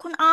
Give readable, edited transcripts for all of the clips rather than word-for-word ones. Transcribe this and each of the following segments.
คุณอ้อ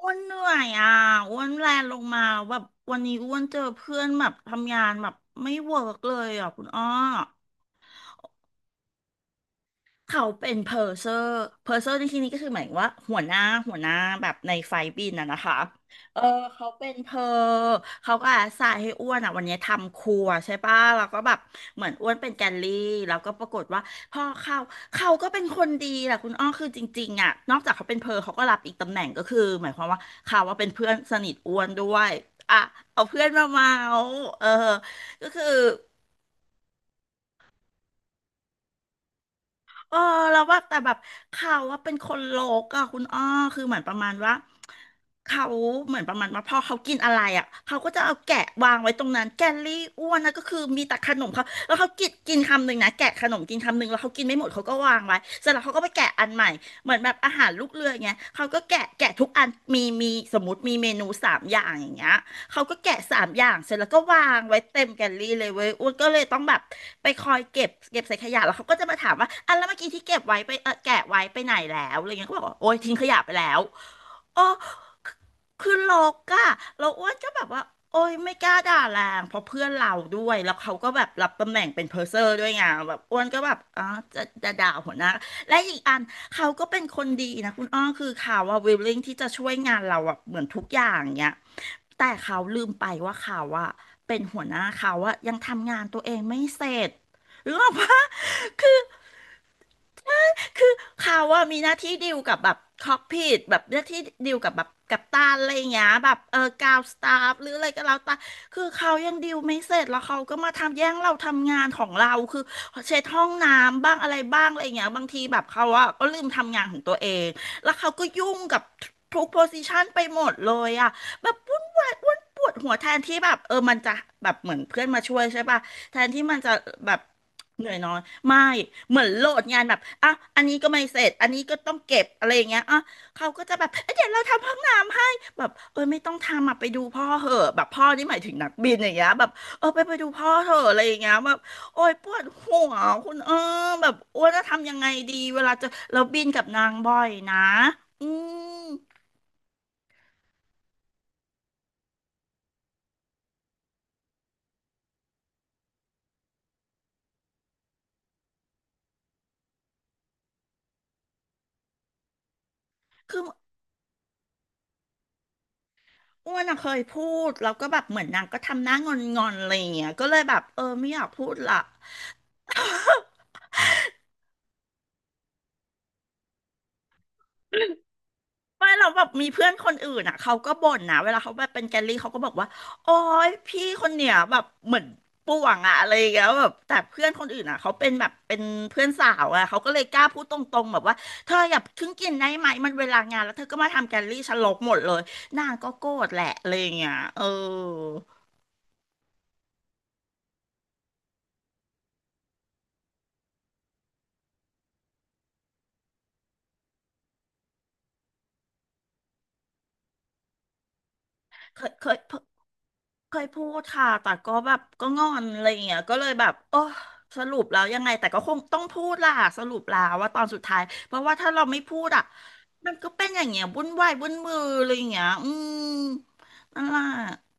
อ้วนเหนื่อยอ่ะอ้วนแลนลงมาแบบวันนี้อ้วนเจอเพื่อนแบบทำงานแบบไม่เวิร์กเลยอ่ะคุณอ้อ เขาเป็นเพอร์เซอร์เพอร์เซอร์ในที่นี้ก็คือหมายถึงว่าหัวหน้าแบบในไฟล์บินอะนะคะ เออเขาเป็นเพอเขาก็อาสาให้อ้วนอ่ะวันนี้ทำครัวใช่ป่ะแล้วก็แบบเหมือนอ้วนเป็นแกลลี่แล้วก็ปรากฏว่าพ่อเขาเขาก็เป็นคนดีแหละคุณอ้อคือจริงๆอ่ะนอกจากเขาเป็นเพอเขาก็รับอีกตำแหน่งก็คือหมายความว่าเขาว่าเป็นเพื่อนสนิทอ้วนด้วยอ่ะเอาเพื่อนมาเมาเออก็คือ เออแล้วแบบแต่แบบเขาว่าเป็นคนโลกอะคุณอ้อคือเหมือนประมาณว่าเขาเหมือนประมาณว่าพอเขากินอะไรอะเขาก็จะเอาแกะวางไว้ตรงนั้นแกลลี่อ้วนนะก็คือมีแต่ขนมเขาแล้วเขากินกินคำหนึ่งนะแกะขนมกินคำหนึ่งแล้วเขากินไม่หมดเขาก็วางไว้เสร็จแล้วเขาก็ไปแกะอันใหม่เหมือนแบบอาหารลูกเรืออย่างเงี้ยเขาก็แกะทุกอันมีสมมติมีเมนูสามอย่างอย่างเงี้ย เขาก็แกะสามอย่างเสร็จแล้วก็วางไว้เต็มแกลลี่เลยเว้ยอ้วนก็เลยต้องแบบไปคอยเก็บใส่ขยะแล้วเขาก็จะมาถามว่าอันแล้วเมื่อกี้ที่เก็บไว้ไปแกะไว้ไปไหนแล้วอะไรเงี้ยก็บอกว่าโอ๊ยทิ้งขยะไปแล้ว อ๋อคือคือลกอะเราอ้วนก็แบบว่าโอ้ยไม่กล้าด่าแรง เพราะเพื่อนเราด้วยแล้วเขาก็แบบรับตำแหน่งเป็นเพอร์เซอร์ด้วยไงแบบอ้วนก็แบบอ๋อจะด่าหัวหน้า และอีกอันเขาก็เป็นคนดีนะคุณอ้อคือเขาว่าวิลลิ่งที่จะช่วยงานเราอะเหมือนทุกอย่างเนี้ยแต่เขาลืมไปว่าเขาอะเป็นหัวหน้าเขาอะยังทำงานตัวเองไม่เสร็จหรือเปล่า คือเขาว่ามีหน้าที่ดีลกับแบบคอกพิทแบบหน้าที่ดีลกับแบบกัปตันอะไรอย่างเงี้ยแบบเออกาวสตาฟหรืออะไรก็แล้วแต่คือเขายังดีลไม่เสร็จแล้วเขาก็มาทำแย่งเราทำงานของเราคือเช็ดห้องน้ำบ้างอะไรบ้างอะไรอย่างเงี้ยบางทีแบบเขาอะก็ลืมทำงานของตัวเองแล้วเขาก็ยุ่งกับทุกโพซิชันไปหมดเลยอะแบบวุ่นวายวุ่นปวดหัวแทนที่แบบเออมันจะแบบเหมือนเพื่อนมาช่วยใช่ป่ะแทนที่มันจะแบบ เหนื่อยน้อยไม่เหมือนโหลดงานแบบอ่ะอันนี้ก็ไม่เสร็จอันนี้ก็ต้องเก็บอะไรอย่างเงี้ยอ่ะเขาก็จะแบบเอ้ยเดี๋ยวเราทำห้องน้ำให้แบบเออไม่ต้องทำอ่ะไปดูพ่อเหอะแบบพ่อนี่หมายถึงนักบินอย่างเงี้ยแบบเออไปดูพ่อเถอะอะไรอย่างเงี้ยแบบโอ้ยปวดหัวคุณแบบโอ้ยจะทำยังไงดีเวลาจะเราบินกับนางบ่อยนะอืมคืออ้วนอะเคยพูดแล้วก็แบบเหมือนนางก็ทำหน้างอนๆอะไรอย่างเงี้ยก็เลยแบบเออไม่อยากพูดละ ไม่เราแบบมีเพื่อนคนอื่นอ่ะเขาก็บ่นนะเวลาเขาแบบเป็นแกลลี่เขาก็บอกว่าโอ๊ยพี่คนเนี่ยแบบเหมือนป่วงอะอะไรอย่างเงี้ยแบบแต่เพื่อนคนอื่นอ่ะเขาเป็นแบบเป็นเพื่อนสาวอ่ะเขาก็เลยกล้าพูดตรงๆแบบว่าเธออย่าเพิ่งกินได้ไหมมันเวลางานแล้วเธอก็มาทำแกลลี่ฉันลบหมดเลยนางก็โกรธแหละอะไรอย่างเงี้ยเออเคยเคย เคยพูดค่ะ แต่ก็แบบก็งอนอะไรอย่างเงี้ยก็เลยแบบโอ้สรุปแล้วยังไงแต่ก็คงต้องพูดล่ะสรุปแล้วว่าตอนสุดท้ายเพราะว่าถ้าเราไม่พูดอ่ะมันก็เป็นอย่างเงี้ยวุ่นวายวุ่นมืออะไรอย่างเงี้ยอืมนั่นแหละ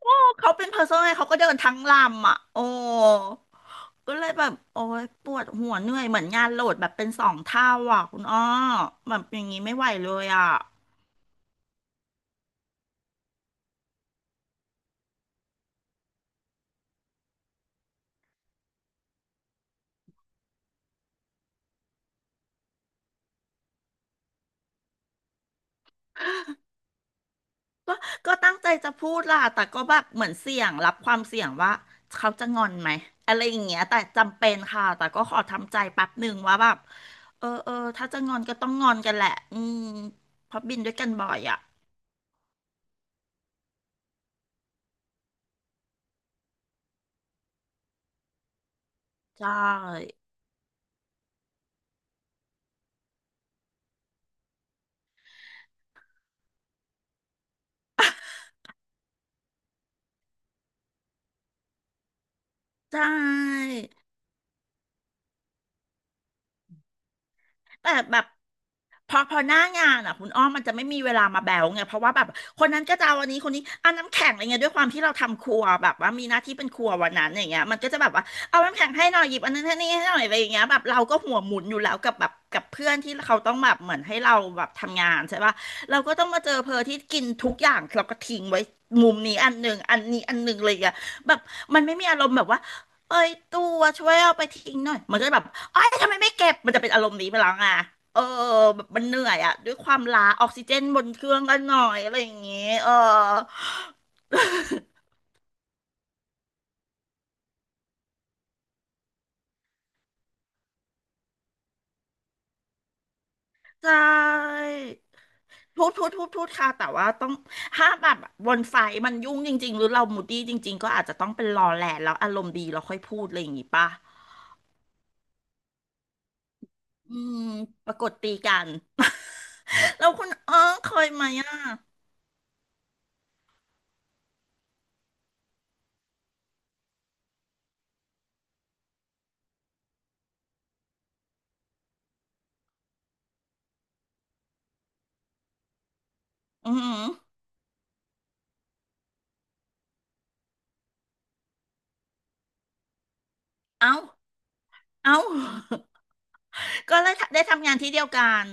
โอ้เขาเป็นเพอร์ซนเขาก็เดินทั้งลำอ่ะโอ้ก็เลยแบบโอ้ยปวดหัวเหนื่อยเหมือนงานโหลดแบบเป็นสองเท่าอ่ะคุณอ้อแบบอย่างงี้ไม่ไหวเลยอ่ะ ก็ก็ตั้งใจจะพูดล่ะ แต่ก็แบบเหมือนเสี่ยงรับความเสี่ยงว่าเขาจะงอนไหมอะไรอย่างเงี้ยแต่จำเป็นค่ะ แต่ก็ขอทำใจแป๊บหนึ่งว่าแบบ เออ ถ้าจะงอนก็ต้องงอนกันแหละ อืมเพราะบินด้วยกันบ่อยอ่ะ ใช่ ใช่ แต่แบบพอพอหน้างานอ่ะคุณอ้อมมันจะไม่มีเวลามาแบวไงเพราะว่าแบบคนนั้นก็จะเอาอันนี้คนนี้เอานน้ำแข็งอะไรเงี้ยด้วยความที่เราทำครัวแบบว่ามีหน้าที่เป็นครัววันนั้นอย่างเงี้ยมันก็จะแบบว่าเอาน้ำแข็งให้หน่อยหยิบอันนั้นให้นี่ให้หน่อยอะไรอย่างเงี้ยแบบเราก็หัวหมุนอยู่แล้วกับแบบกับเพื่อนที่เขาต้องแบบเหมือนให้เราแบบทำงานใช่ปะเราก็ต้องมาเจอเพอที่กินทุกอย่างเราก็ทิ้งไว้มุมนี้อันหนึ่งอันนี้อันหนึ่งเลยอะแบบมันไม่มีอารมณ์แบบว่า เอ้ยตัวช่วยเอาไปทิ้งหน่อยมันก็จะแบบเอ้ยทำไมไม่เก็บมันจะเป็นอารมณ์นี้ไปแล้วอ่ะเออแบบมันเหนื่อยอะด้วยความล้าออกซิเจนบนเครื่องกันหน่อยอะไรอย่างเงี้ยเออใช่พูดค่ะแต่ว่าต้องถ้าแบบบนไฟมันยุ่งจริงๆหรือเรามูดดี้จริงๆก็อาจจะต้องเป็นรอแหละแล้วอารมณ์ดีเราค่อยพูดอะไรอย่างงี้ป่ะอืมปรากฏตีกัน แล้วคุณเคยไหมอ่ะอืมเอ้าเอ้า ก็เลยได้ทำงานที่เดียวกัน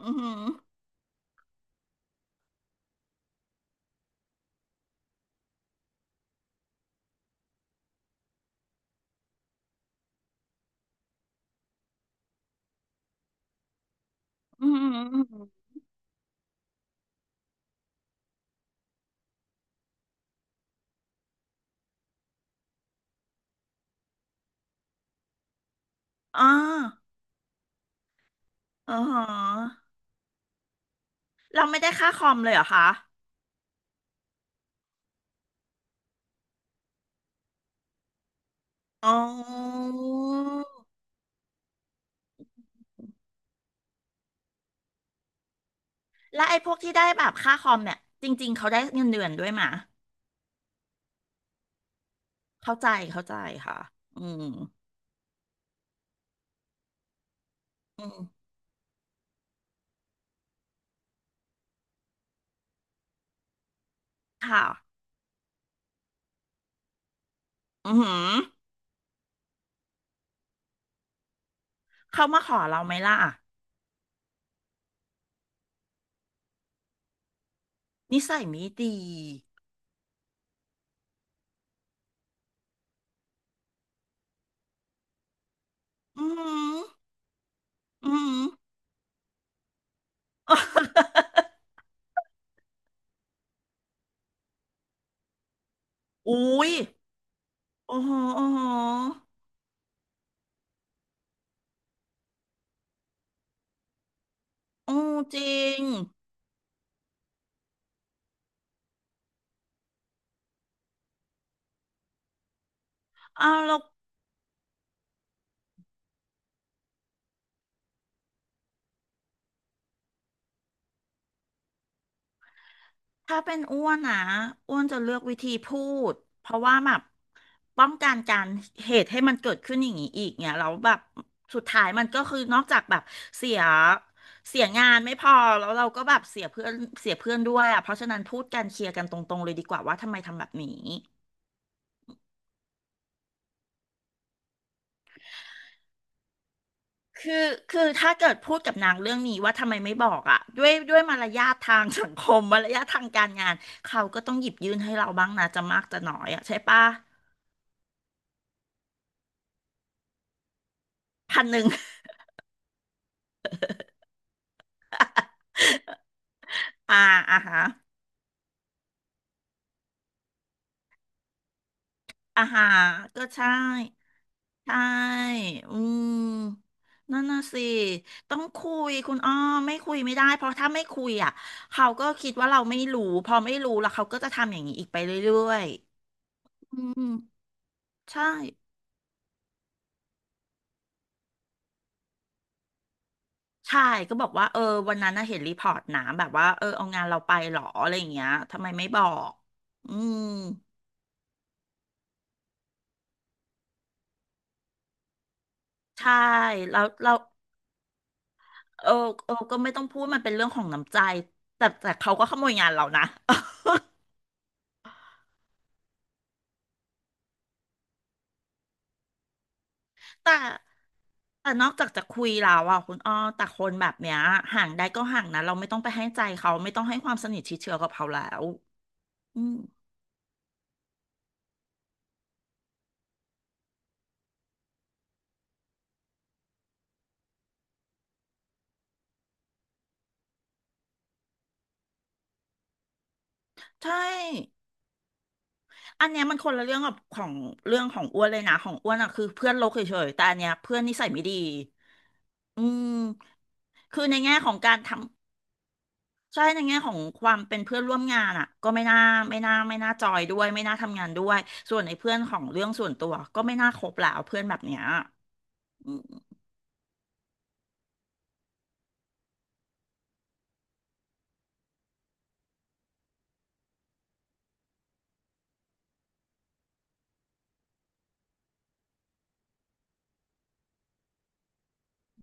อือหืออือหืออือหืออ๋ออ๋อหือเราไม่ได้ค่าคอมเลยเหรอคะอ๋อแล้วไอ้พวกที่ได้แบบค่าคอมเนี่ยจริงๆเขาได้เงินเดือนด้วยมะเข้าใจเข้าใจค่ะอืมอืมค่ะอือหือเขามาขอเราไหมล่ะนิสัยไม่ดีอือหืออือหือ อุ้ยโอ้โหโอ้โหโอ้จริงอ้าวแล ถ้าเป็นอ้วนนะอ้วนจะเลือกวิธีพูดเพราะว่าแบบป้องกันการเหตุให้มันเกิดขึ้นอย่างนี้อีกเนี่ยแล้วแบบสุดท้ายมันก็คือนอกจากแบบเสียเสียงานไม่พอแล้วเราก็แบบเสียเพื่อนเสียเพื่อนด้วยอ่ะเพราะฉะนั้นพูดกันเคลียร์กันตรงๆเลยดีกว่าว่าทำไมทำแบบนี้คือคือถ้าเกิดพูดกับนางเรื่องนี้ว่าทำไมไม่บอกอ่ะด้วยมารยาททางสังคม มารยาททางการงานเขาก็ต้องหยิบยื่นให้เราบ้างนะจะมากจะน้อยอ่ะใช่ปะ1,000 อ่าอ่าฮะ อาหารก็ใช่ใช่อืมนั่นน่ะสิ ต้องคุยคุณอ้อไม่คุยไม่ได้เพราะถ้าไม่คุยอ่ะเขาก็คิดว่าเราไม่รู้พอไม่รู้แล้วเขาก็จะทำอย่างนี้อีกไปเรื่อยๆอืมใช่ใช่ก็บอกว่าเออวันนั้นน่ะเห็นรีพอร์ตหนาแบบว่าเออเอางานเราไปเหรออะไรอย่างเงี้ยทำไมไม่บอกอืมใช่แล้วเราเออเออก็ไม่ต้องพูดมันเป็นเรื่องของน้ำใจแต่เขาก็ขโมยงานเรานะ แต่ แต่นอกจากจะคุยแล้วอ่ะคุณอ้อแต่คนแบบเนี้ยห่างได้ก็ห่างนะเราไม่ต้องไปให้ใจเขาไม่ต้องให้ความสนิทชิดเชื้อกับเขาแล้วอืมใช่อันเนี้ยมันคนละเรื่องกับของเรื่องของอ้วนเลยนะของอ้วนอ่ะคือเพื่อนโลกเฉยๆแต่อันเนี้ยเพื่อนนิสัยไม่ดีอืมคือในแง่ของการทำใช่ในแง่ของความเป็นเพื่อนร่วมงานอ่ะก็ไม่น่าไม่น่าจอยด้วยไม่น่าทำงานด้วยส่วนไอ้เพื่อนของเรื่องส่วนตัวก็ไม่น่าคบแล้วเพื่อนแบบเนี้ย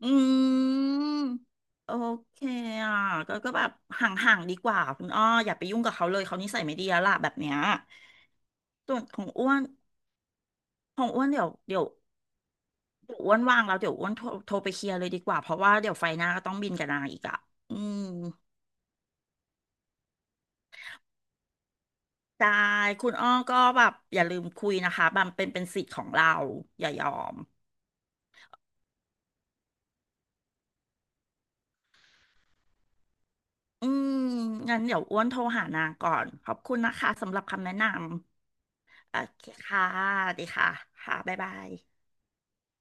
อืมโอเคอ่ะก็แบบห่างๆดีกว่าคุณอ้ออย่าไปยุ่งกับเขาเลยเขานิสัยไม่ดีแล้วล่ะแบบเนี้ยส่วนของอ้วนของอ้วนเดี๋ยวอ้วนว่างแล้วเดี๋ยวอ้วนโทรไปเคลียร์เลยดีกว่าเพราะว่าเดี๋ยวไฟหน้าก็ต้องบินกับนางอีกอ่ะอืมได้คุณอ้อก็แบบอย่าลืมคุยนะคะบัมเป็นสิทธิ์ของเราอย่ายอมอืมงั้นเดี๋ยวอ้วนโทรหานางก่อนขอบคุณนะคะสำหรับคำแนะนำโอเคค่ะดีค่ะค่ะบ๊ายบาย